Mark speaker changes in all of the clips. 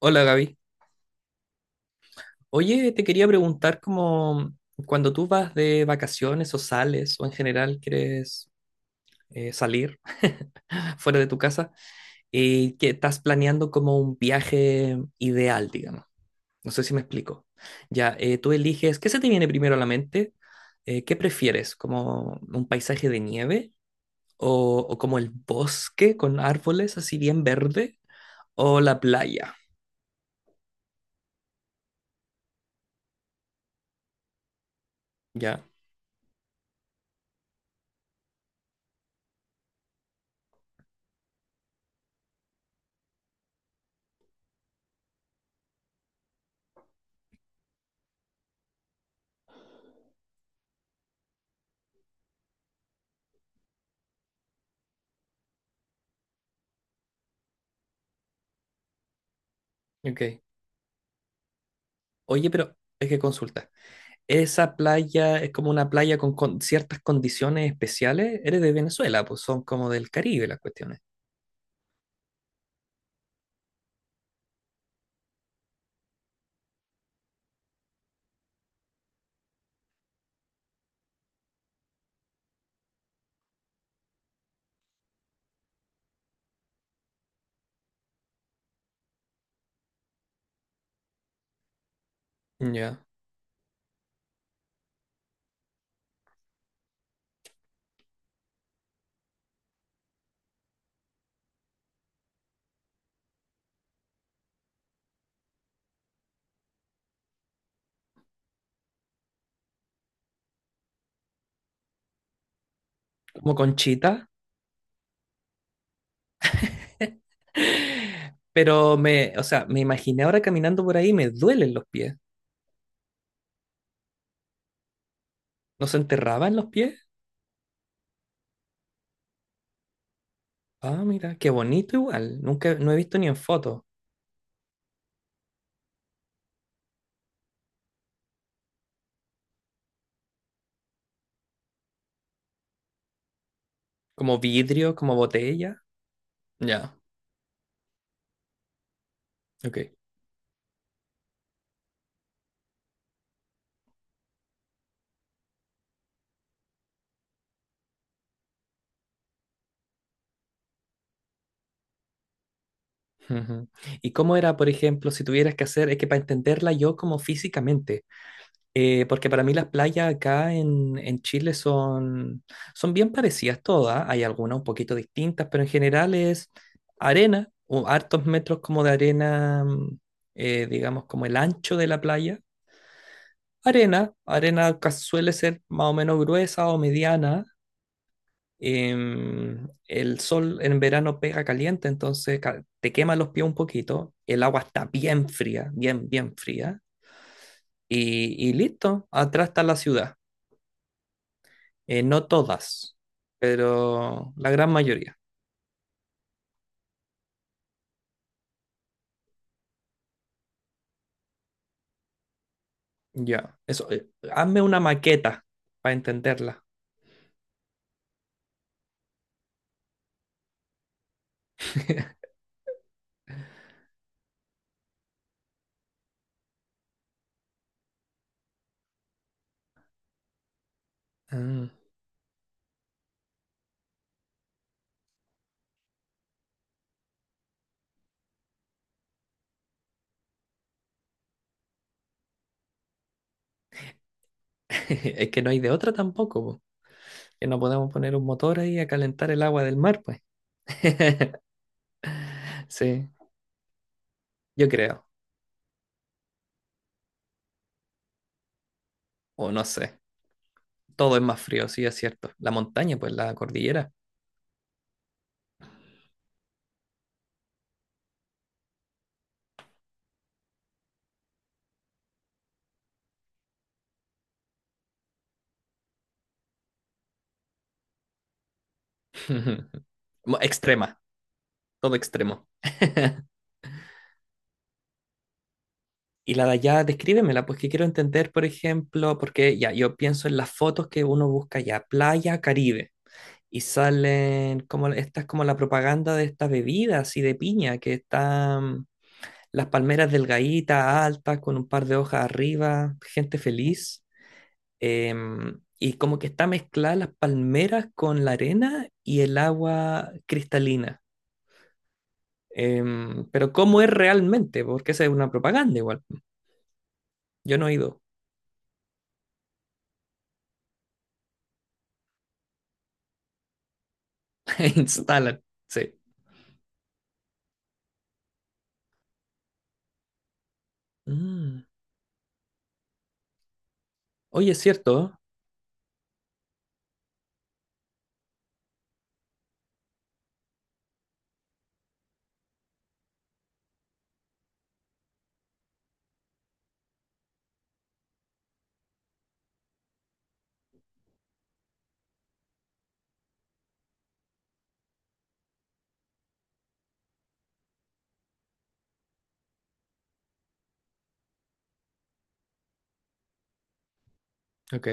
Speaker 1: Hola Gaby. Oye, te quería preguntar como cuando tú vas de vacaciones o sales o en general quieres salir fuera de tu casa, que estás planeando como un viaje ideal, digamos. No sé si me explico. Ya, tú eliges, ¿qué se te viene primero a la mente? ¿Qué prefieres? ¿Como un paisaje de nieve o como el bosque con árboles así bien verde o la playa? Ya, ok. Oye, pero es que consulta. Esa playa es como una playa con ciertas condiciones especiales. Eres de Venezuela, pues son como del Caribe las cuestiones. Ya. Como Conchita. Pero me, o sea, me imaginé ahora caminando por ahí, me duelen los pies. ¿No se enterraban los pies? Ah, mira, qué bonito igual. Nunca, no he visto ni en fotos. Como vidrio, como botella. Ya, ok. Ujú. ¿Y cómo era, por ejemplo, si tuvieras que hacer, es que para entenderla yo como físicamente, porque para mí las playas acá en Chile son, son bien parecidas todas. Hay algunas un poquito distintas, pero en general es arena, o hartos metros como de arena, digamos como el ancho de la playa. Arena, arena que suele ser más o menos gruesa o mediana. El sol en verano pega caliente, entonces te quema los pies un poquito. El agua está bien fría, bien, bien fría. Y listo, atrás está la ciudad. No todas, pero la gran mayoría. Ya, eso. Hazme una maqueta para entenderla. Ah, es que no hay de otra tampoco, po. Que no podemos poner un motor ahí a calentar el agua del mar, pues. Sí, yo creo. O no sé. Todo es más frío, sí, es cierto. La montaña, pues la cordillera. Extrema, todo extremo. Y la de allá, descríbemela, pues que quiero entender, por ejemplo, porque ya yo pienso en las fotos que uno busca ya, playa, Caribe. Y salen como esta es como la propaganda de esta bebida así de piña que están las palmeras delgaditas, altas, con un par de hojas arriba, gente feliz. Em, y como que está mezclada las palmeras con la arena y el agua cristalina. Em, pero ¿cómo es realmente? Porque esa es una propaganda igual. Yo no he ido. Instalan. Sí. Mm. Oye, es cierto. ¿Eh? Ok.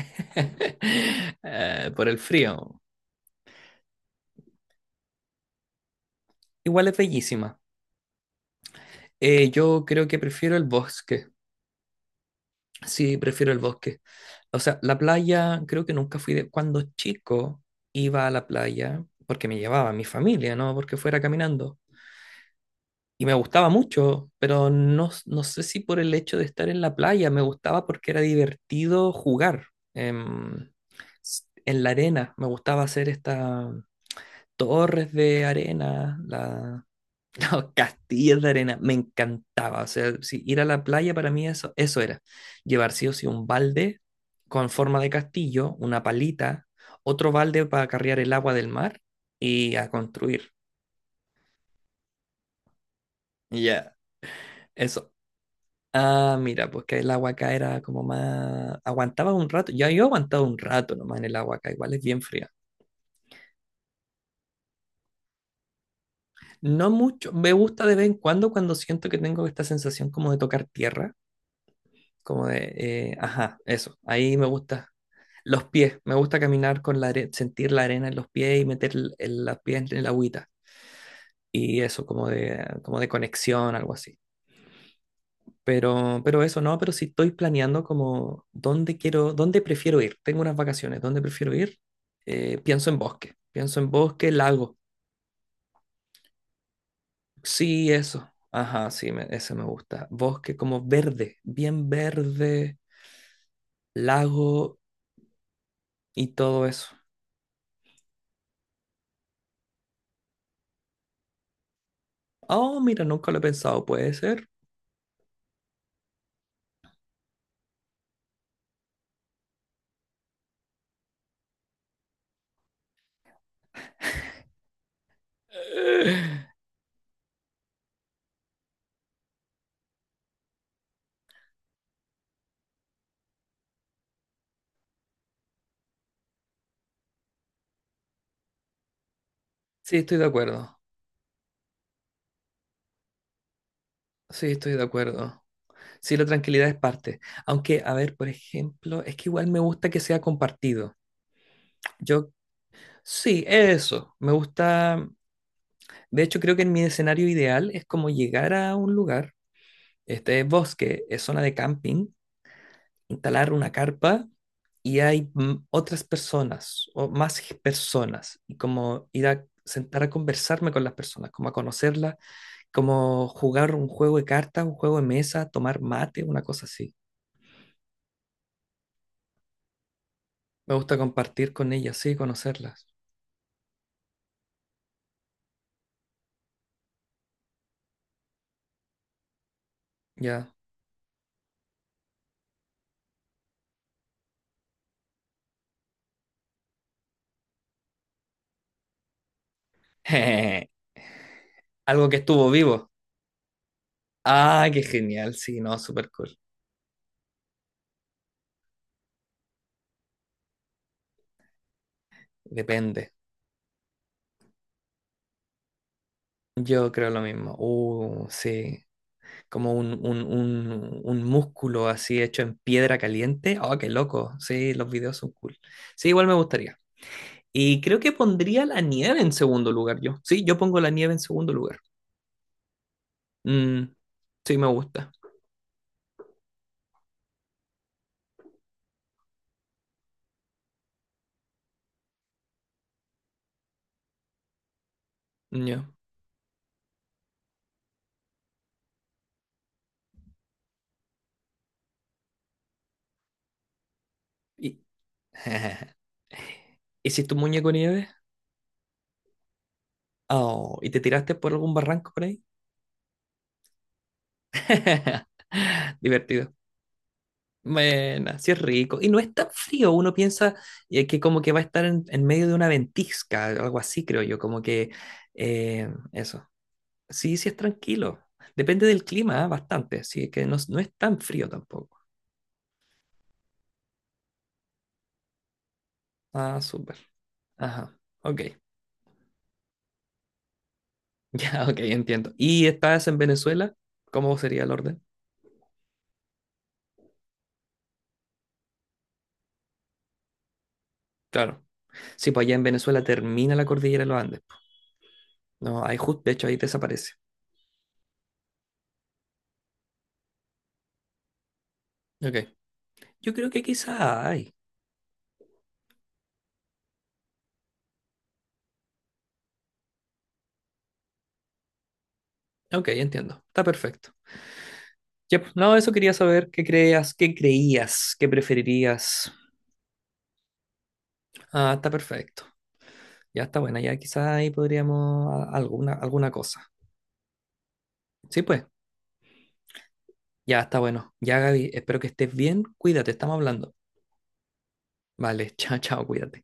Speaker 1: Por el frío. Igual es bellísima. Yo creo que prefiero el bosque. Sí, prefiero el bosque. O sea, la playa, creo que nunca fui de... Cuando chico iba a la playa, porque me llevaba mi familia, ¿no? Porque fuera caminando. Y me gustaba mucho, pero no, no sé si por el hecho de estar en la playa, me gustaba porque era divertido jugar. Em, en la arena, me gustaba hacer estas torres de arena, encantaba, castillos de arena, me encantaba. O sea, si ir a la playa para mí eso, eso era. Llevar sí o sí un balde con forma de castillo, una palita, otro balde para carrear el agua del mar y a construir. Ya, eso. Ah, mira, pues que el agua acá era como más... Aguantaba un rato, ya yo aguantaba un rato nomás en el agua acá, igual es bien fría. No mucho, me gusta de vez en cuando cuando siento que tengo esta sensación como de tocar tierra, como de, ajá, eso, ahí me gusta. Los pies, me gusta caminar con la arena, sentir la arena en los pies y meter las pies en el agüita. Y eso, como de conexión, algo así. Pero eso no, pero si estoy planeando como dónde quiero, dónde prefiero ir. Tengo unas vacaciones, ¿dónde prefiero ir? Pienso en bosque, lago. Sí, eso. Ajá, sí, ese me gusta. Bosque como verde, bien verde, lago y todo eso. Oh, mira, nunca lo he pensado, puede ser. Sí, estoy de acuerdo. Sí, estoy de acuerdo. Sí, la tranquilidad es parte. Aunque, a ver, por ejemplo, es que igual me gusta que sea compartido. Yo, sí, eso. Me gusta. De hecho, creo que en mi escenario ideal es como llegar a un lugar. Este es bosque, es zona de camping, instalar una carpa y hay otras personas o más personas. Y como ir a sentar a conversarme con las personas, como a conocerlas, como jugar un juego de cartas, un juego de mesa, tomar mate, una cosa así. Me gusta compartir con ellas, sí, conocerlas. Ya. Algo que estuvo vivo. Ah, qué genial. Sí, no, súper cool. Depende. Yo creo lo mismo. Sí. Como un músculo así hecho en piedra caliente. Oh, qué loco. Sí, los videos son cool. Sí, igual me gustaría. Y creo que pondría la nieve en segundo lugar yo. Sí, yo pongo la nieve en segundo lugar. Mm, sí, me gusta. Yo y... ¿Hiciste un muñeco nieve? Oh, ¿y te tiraste por algún barranco por ahí? Divertido. Bueno, así es rico. Y no es tan frío, uno piensa que como que va a estar en medio de una ventisca, algo así, creo yo, como que eso. Sí, sí es tranquilo. Depende del clima, ah, bastante, sí, que no, no es tan frío tampoco. Ah, súper. Ajá, ok. Ya, ok, entiendo. ¿Y estás en Venezuela? ¿Cómo sería el orden? Claro. Sí, pues allá en Venezuela termina la cordillera de los Andes. No, ahí justo, de hecho, ahí desaparece. Ok. Yo creo que quizá hay. Ok, entiendo. Está perfecto. Ya, pues, no, eso quería saber qué creías, qué creías, qué preferirías. Ah, está perfecto. Ya está buena. Ya quizá ahí podríamos alguna, alguna cosa. Sí, pues, ya está bueno. Ya, Gaby, espero que estés bien. Cuídate, estamos hablando. Vale, chao, chao, cuídate.